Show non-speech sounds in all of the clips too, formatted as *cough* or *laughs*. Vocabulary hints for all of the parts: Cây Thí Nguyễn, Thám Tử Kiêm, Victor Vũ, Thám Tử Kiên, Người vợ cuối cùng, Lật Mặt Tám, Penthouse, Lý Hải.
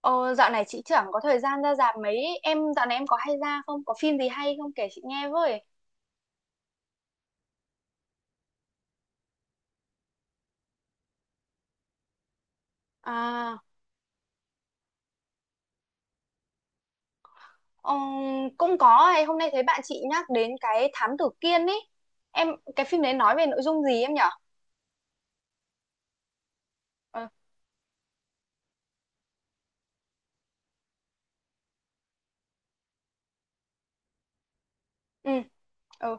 Ờ, dạo này chị chẳng có thời gian ra rạp mấy. Em dạo này em có hay ra không, có phim gì hay không kể chị nghe với. À, cũng có ấy. Hôm nay thấy bạn chị nhắc đến cái Thám Tử Kiên ấy. Em cái phim đấy nói về nội dung gì em nhở? Ờ, ừ, ừ.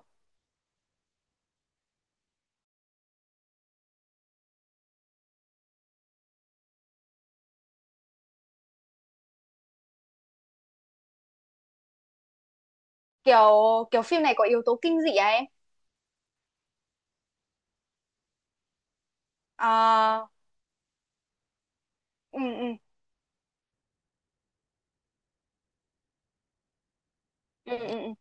Kiểu kiểu phim này có yếu tố kinh dị à em? À, ừ ừ ừ ừ ừ.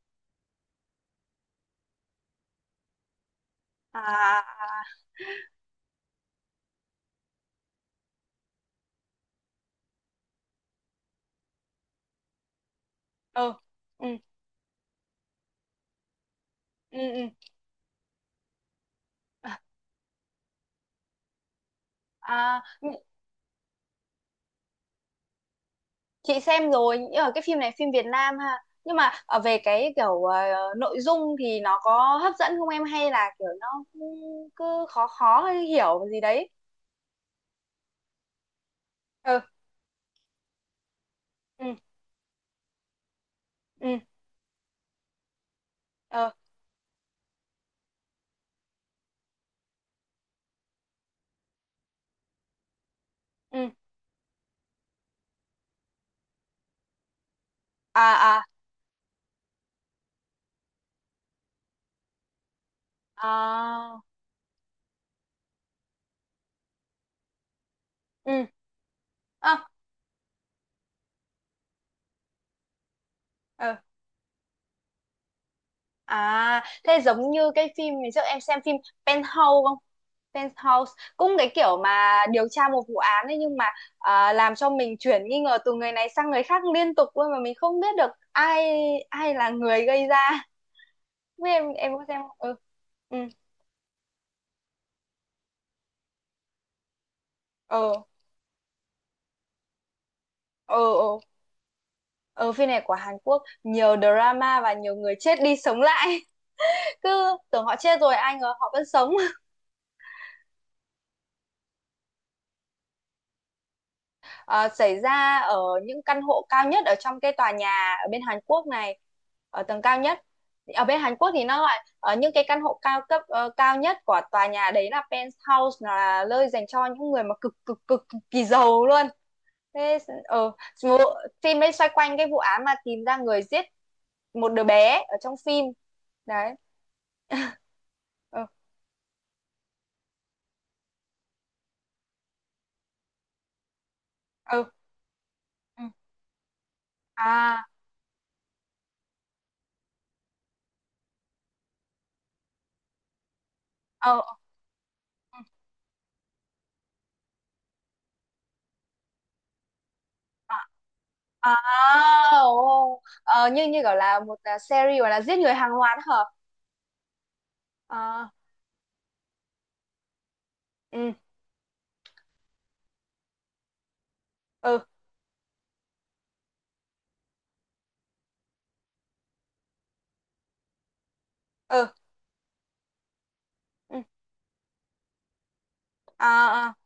À à, ừ ừ ừ ừ. À, chị xem rồi nhưng mà cái phim này phim Việt Nam ha, nhưng mà ở về cái kiểu nội dung thì nó có hấp dẫn không em hay là kiểu nó cứ, cứ khó khó hay hiểu gì đấy. Ừ ừ ừ ừ ừ à à à ừ ừ à, ừ. À, thế giống như cái phim ngày trước em xem phim Penthouse không? Penthouse cũng cái kiểu mà điều tra một vụ án ấy, nhưng mà à, làm cho mình chuyển nghi ngờ từ người này sang người khác liên tục luôn mà mình không biết được ai ai là người gây ra. Với em có xem không? Ừ. Ừ. Ờ. Ờ ờ. Ờ, phim này của Hàn Quốc nhiều drama và nhiều người chết đi sống lại. *laughs* Cứ tưởng họ chết rồi ai ngờ họ vẫn sống. Ờ, xảy ra ở những căn hộ cao nhất ở trong cái tòa nhà ở bên Hàn Quốc này, ở tầng cao nhất, ở bên Hàn Quốc thì nó gọi ở những cái căn hộ cao cấp cao nhất của tòa nhà đấy là penthouse, là nơi dành cho những người mà cực cực cực, cực kỳ giàu luôn. Thế ờ vụ- phim đấy xoay quanh cái vụ án mà tìm ra người giết một đứa bé ở trong phim đấy. *laughs* Ừ ừ ừ. À ờ ờ, À, ồ, ờ, như như kiểu là một à, series gọi là giết người hàng loạt hả? À, ừ, ừ, ừ, ừ, à, à,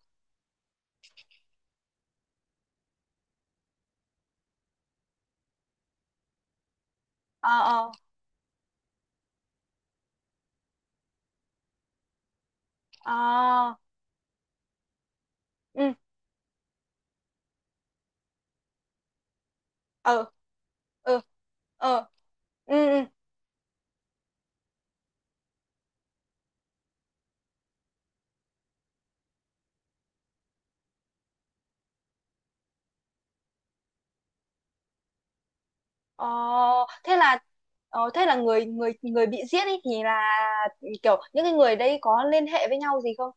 à, à, à, ừ, ừ, ừ, ừ, ừ, ừ. Ờ, thế là ờ, thế là người người người bị giết ấy thì là kiểu những cái người đấy có liên hệ với nhau gì không?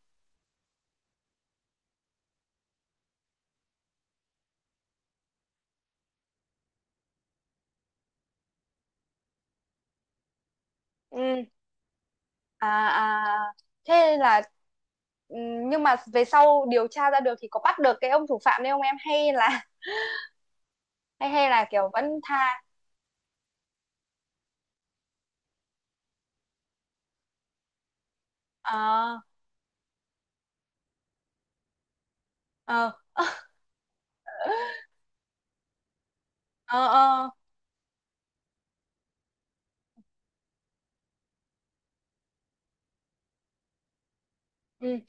Ừ, à, à, thế là ừ, nhưng mà về sau điều tra ra được thì có bắt được cái ông thủ phạm đấy không em hay là hay hay là kiểu vẫn tha ờ ờ *laughs* ờ ờ ờ, ừ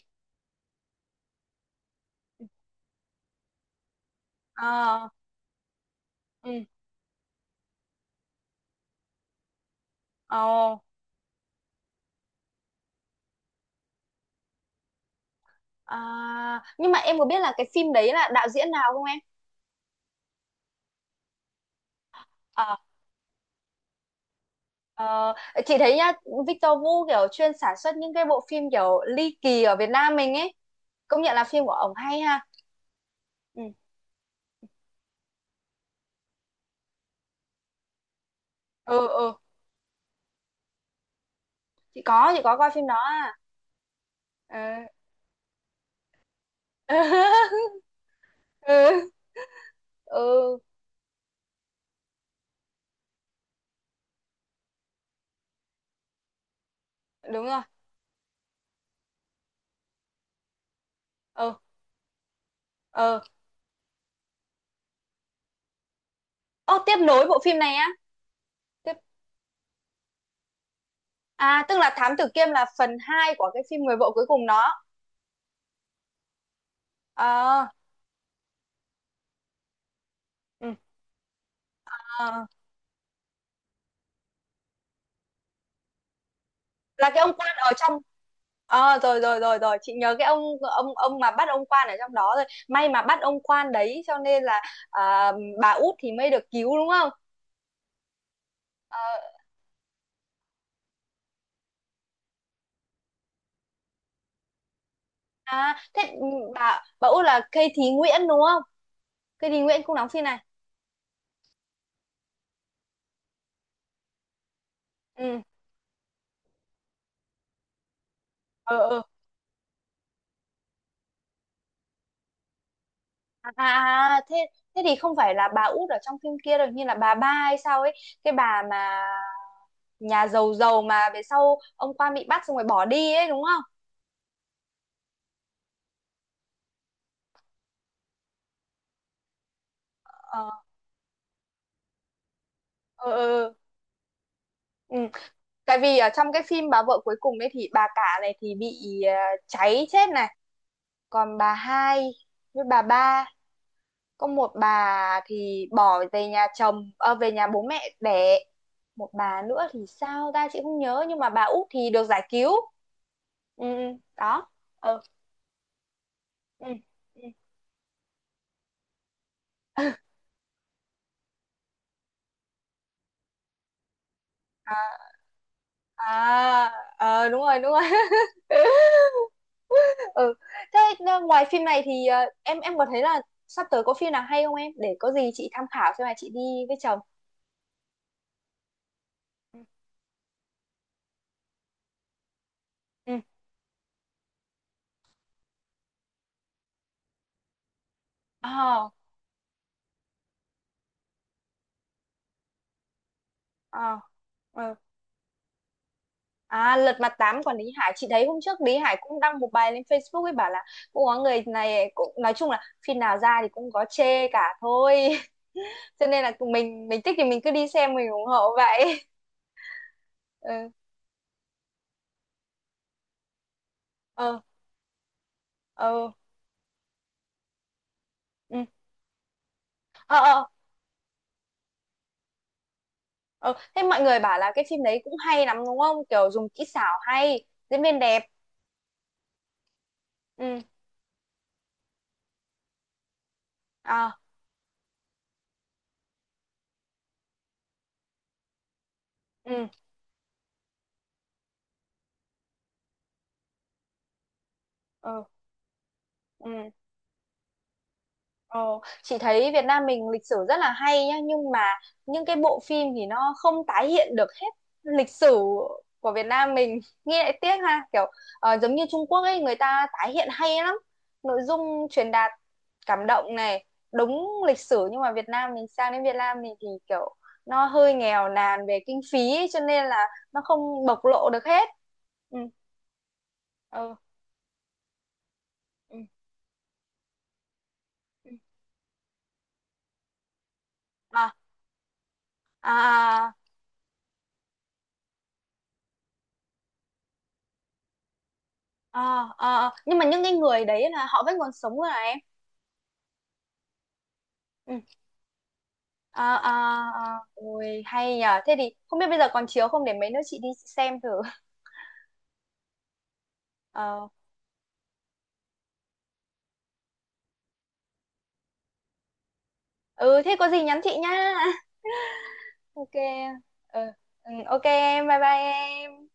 ờ ừ ờ. À, nhưng mà em có biết là cái phim đấy là đạo diễn nào không em? Ờ ờ, chị thấy nhá Victor Vũ kiểu chuyên sản xuất những cái bộ phim kiểu ly kỳ ở Việt Nam mình ấy, công nhận là phim của ổng hay ha. Ừ ừ ừ. Chị có coi phim đó à. Ừ *laughs* ừ ừ đúng rồi ừ ừ. Ô, tiếp nối bộ phim này á. Tiếp. À, tức là Thám Tử Kiêm là phần 2 của cái phim Người vợ cuối cùng đó. Ờ, Ừ. Ờ. Là cái ông quan ở trong. Ờ rồi rồi rồi rồi, chị nhớ cái ông mà bắt ông quan ở trong đó rồi. May mà bắt ông quan đấy cho nên là à, bà Út thì mới được cứu đúng không? Ờ, à thế ừ, bà Út là Cây Thí Nguyễn đúng không? Cây Thí Nguyễn cũng đóng phim này. Ừ. Ờ ờ. À, à, thế thế thì không phải là bà Út ở trong phim kia rồi, như là bà Ba hay sao ấy, cái bà mà nhà giàu giàu mà về sau ông Quan bị bắt xong rồi bỏ đi ấy đúng không? Ờ, ừ, ừ, ừ. Tại vì ở trong cái phim bà vợ cuối cùng ấy thì bà cả này thì bị cháy chết này, còn bà hai với bà ba, có một bà thì bỏ về nhà chồng, ờ, về nhà bố mẹ đẻ, một bà nữa thì sao ta chị không nhớ nhưng mà bà út thì được giải cứu. Ừ, ừ, đó. Ờ, ừ. Ừ. *laughs* À, à, ờ, đúng rồi, đúng rồi. *laughs* Ừ. Thế ờ, ngoài phim này thì ờ, em có thấy là sắp tới có phim nào hay không em? Để có gì chị tham khảo xem là chị đi với chồng. Ừ. À, à, ờ. Ờ. À, Lật Mặt Tám của Lý Hải, chị thấy hôm trước Lý Hải cũng đăng một bài lên Facebook ấy bảo là cũng có người này cũng nói chung là phim nào ra thì cũng có chê cả thôi *laughs* cho nên là mình thích thì mình cứ đi xem mình ủng hộ vậy. *laughs* Ừ ờ ờ ừ. Ờ. Ờ. Ờ, thế mọi người bảo là cái phim đấy cũng hay lắm đúng không? Kiểu dùng kỹ xảo hay, diễn viên đẹp. Ừ. À, ừ, ừ, ừ. Ờ, chị thấy Việt Nam mình lịch sử rất là hay nhá nhưng mà những cái bộ phim thì nó không tái hiện được hết lịch sử của Việt Nam mình, nghe lại tiếc ha, kiểu ờ, giống như Trung Quốc ấy người ta tái hiện hay lắm, nội dung truyền đạt cảm động này, đúng lịch sử, nhưng mà Việt Nam mình sang đến Việt Nam mình thì kiểu nó hơi nghèo nàn về kinh phí ấy, cho nên là nó không bộc lộ được hết. Ừ, ừ, ừ. Ừ. À, à à. Ờ, ờ, ờ. Nhưng mà những cái người đấy là họ vẫn còn sống rồi này em. Ừ. Ờ, ờ, ờ. Ôi hay nhờ, thế thì không biết bây giờ còn chiếu không để mấy nữa chị đi xem thử. Ờ, ừ thế có gì nhắn chị nhá. *laughs* Ok ừ, ừ ok em bye bye em.